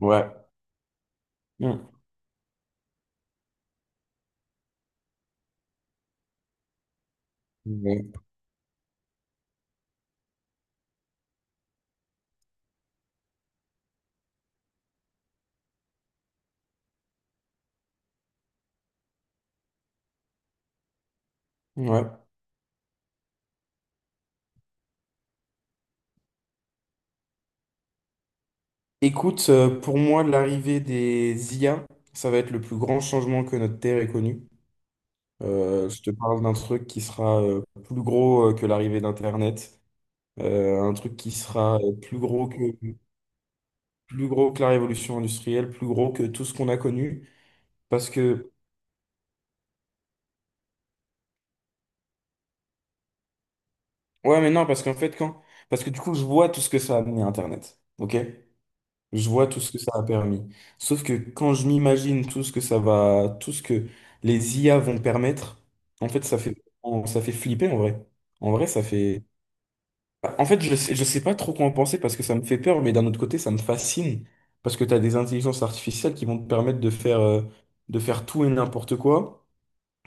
Ouais. Mm. Ouais. Ouais. Écoute, pour moi, l'arrivée des IA, ça va être le plus grand changement que notre Terre ait connu. Je te parle d'un truc qui sera plus gros que l'arrivée d'Internet, un truc qui sera plus gros que la révolution industrielle, plus gros que tout ce qu'on a connu. Parce que, ouais, mais non, parce qu'en fait, quand, Parce que du coup, je vois tout ce que ça a amené Internet. OK? Je vois tout ce que ça a permis. Sauf que quand je m'imagine tout ce que ça va, tout ce que les IA vont permettre, en fait, ça fait, ça fait flipper en vrai. En vrai, ça fait. En fait, je sais pas trop quoi en penser parce que ça me fait peur, mais d'un autre côté, ça me fascine parce que tu as des intelligences artificielles qui vont te permettre de faire tout et n'importe quoi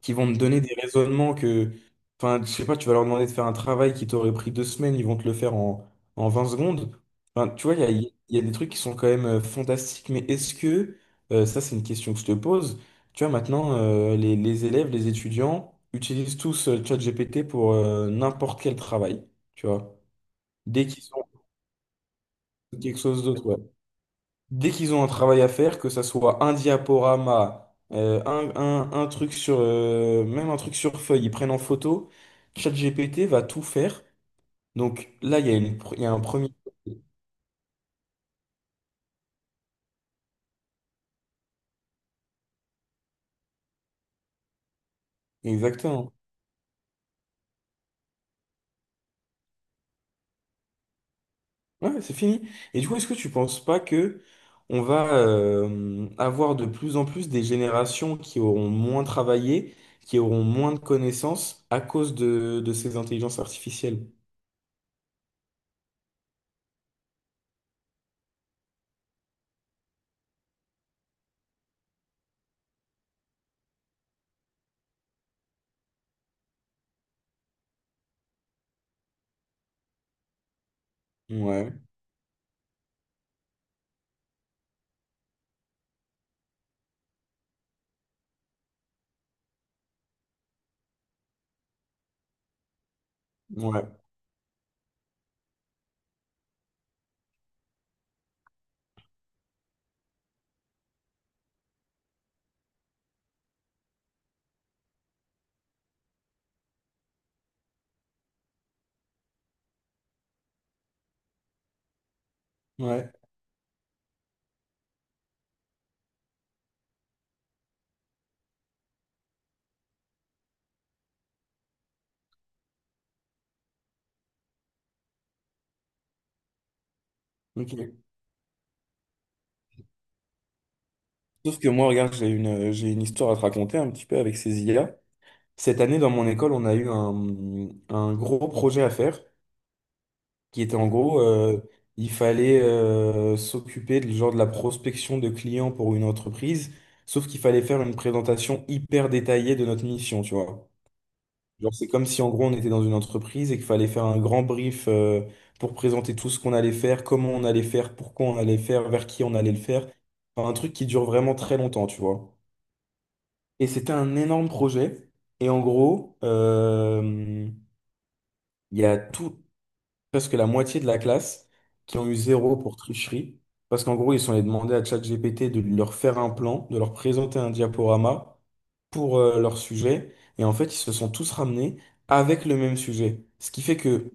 qui vont me donner des raisonnements que, enfin, je sais pas, tu vas leur demander de faire un travail qui t'aurait pris deux semaines, ils vont te le faire en, en 20 secondes. Enfin, tu vois, il y a des trucs qui sont quand même fantastiques, mais ça c'est une question que je te pose, tu vois, maintenant, les élèves, les étudiants utilisent tous ChatGPT pour n'importe quel travail, tu vois, dès qu'ils ont quelque chose d'autre. Ouais, dès qu'ils ont un travail à faire, que ça soit un diaporama, un truc sur, même un truc sur feuille, ils prennent en photo, ChatGPT va tout faire. Donc là, il y a une, il y a un premier. Exactement. Ouais, c'est fini. Et du coup, est-ce que tu penses pas que on va avoir de plus en plus des générations qui auront moins travaillé, qui auront moins de connaissances à cause de ces intelligences artificielles? Ouais, ouais, ouais. Ok. Sauf que moi, regarde, j'ai une histoire à te raconter un petit peu avec ces IA. Cette année, dans mon école, on a eu un gros projet à faire qui était en gros, il fallait s'occuper de, genre, de la prospection de clients pour une entreprise, sauf qu'il fallait faire une présentation hyper détaillée de notre mission, tu vois. Genre, c'est comme si en gros, on était dans une entreprise et qu'il fallait faire un grand brief pour présenter tout ce qu'on allait faire, comment on allait faire, pourquoi on allait faire, vers qui on allait le faire. Enfin, un truc qui dure vraiment très longtemps, tu vois. Et c'était un énorme projet. Et en gros, il y a tout, presque la moitié de la classe qui ont eu zéro pour tricherie. Parce qu'en gros, ils sont allés demander à ChatGPT de leur faire un plan, de leur présenter un diaporama pour leur sujet. Et en fait, ils se sont tous ramenés avec le même sujet. Ce qui fait que,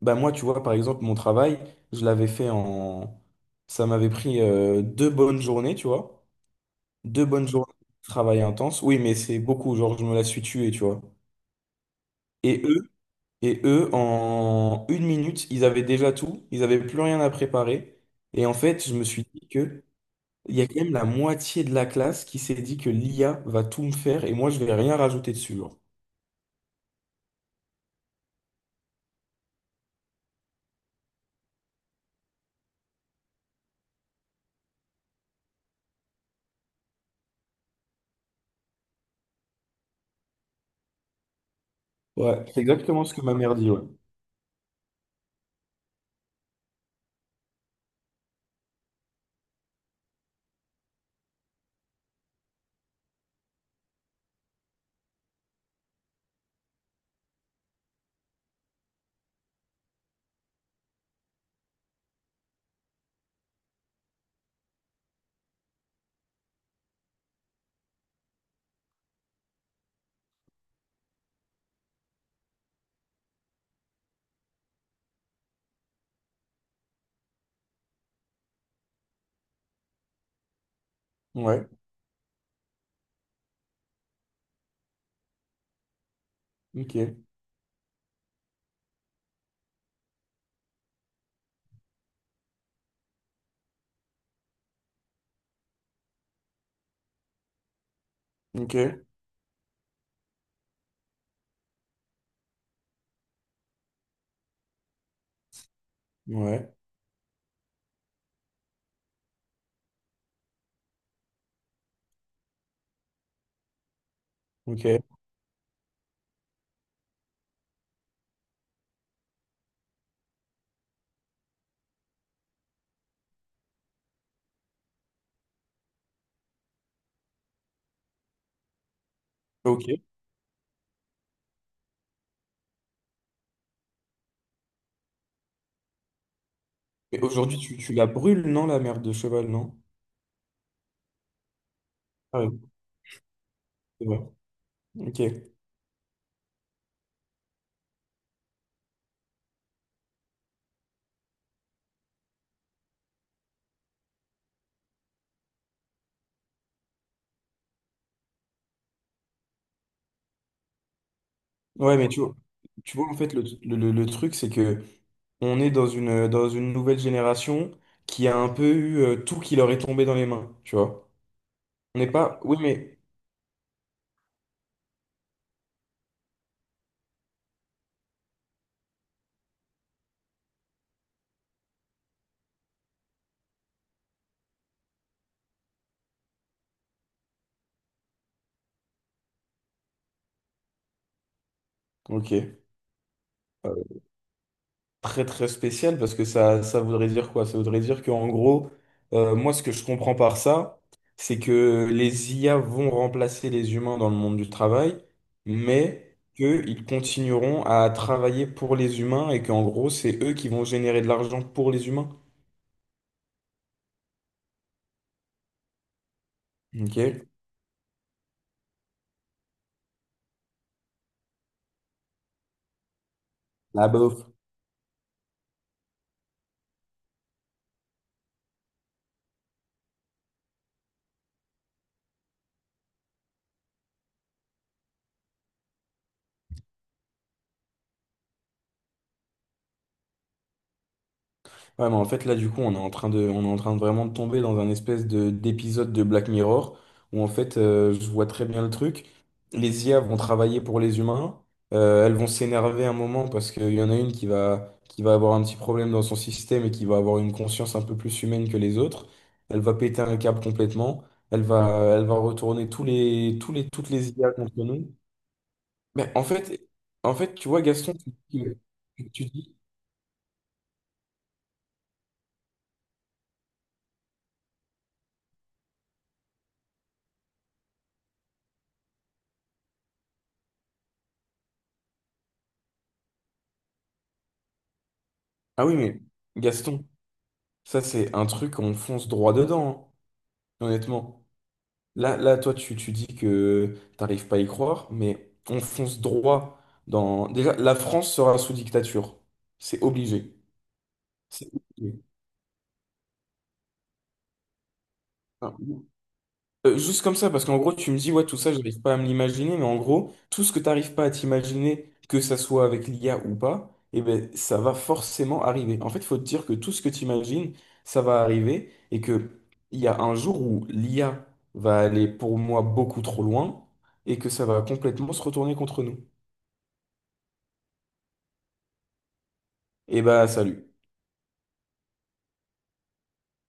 bah, moi, tu vois, par exemple, mon travail, je l'avais fait en... Ça m'avait pris deux bonnes journées, tu vois. Deux bonnes journées de travail intense. Oui, mais c'est beaucoup. Genre, je me la suis tué, tu vois. Et eux, et eux, en une minute, ils avaient déjà tout. Ils n'avaient plus rien à préparer. Et en fait, je me suis dit que il y a quand même la moitié de la classe qui s'est dit que l'IA va tout me faire et moi, je vais rien rajouter dessus, genre. Ouais, c'est exactement ce que ma mère dit, ouais. Ouais, ok, ok, ouais, ok, ok. Et aujourd'hui, tu la brûles, non, la merde de cheval, non? Ah oui, c'est vrai. Ok. Ouais, mais tu vois en fait, le truc, c'est que on est dans une nouvelle génération qui a un peu eu tout qui leur est tombé dans les mains, tu vois. On n'est pas. Oui, mais. Ok. Euh, très, très spécial parce que ça voudrait dire quoi? Ça voudrait dire qu'en gros, moi, ce que je comprends par ça, c'est que les IA vont remplacer les humains dans le monde du travail, mais qu'ils continueront à travailler pour les humains et qu'en gros, c'est eux qui vont générer de l'argent pour les humains. Ok. La bof. Ouais, mais en fait, là, du coup, on est en train de vraiment de tomber dans un espèce de, d'épisode de Black Mirror où, en fait, je vois très bien le truc. Les IA vont travailler pour les humains. Elles vont s'énerver un moment parce qu'il y en a une qui va avoir un petit problème dans son système et qui va avoir une conscience un peu plus humaine que les autres. Elle va péter un câble complètement. Elle va retourner toutes les IA contre nous. Mais en fait, en fait, tu vois, Gaston, tu, tu dis. Ah oui, mais Gaston. Ça, c'est un truc, on fonce droit dedans, hein, honnêtement. Là, là, toi, tu dis que t'arrives pas à y croire, mais on fonce droit dans... Déjà, la France sera sous dictature. C'est obligé. C'est obligé. Enfin, juste comme ça, parce qu'en gros, tu me dis, ouais, tout ça, j'arrive pas à me l'imaginer, mais en gros, tout ce que t'arrives pas à t'imaginer, que ça soit avec l'IA ou pas, eh ben, ça va forcément arriver. En fait, il faut te dire que tout ce que t'imagines, ça va arriver, et que il y a un jour où l'IA va aller pour moi beaucoup trop loin, et que ça va complètement se retourner contre nous. Et bah, salut.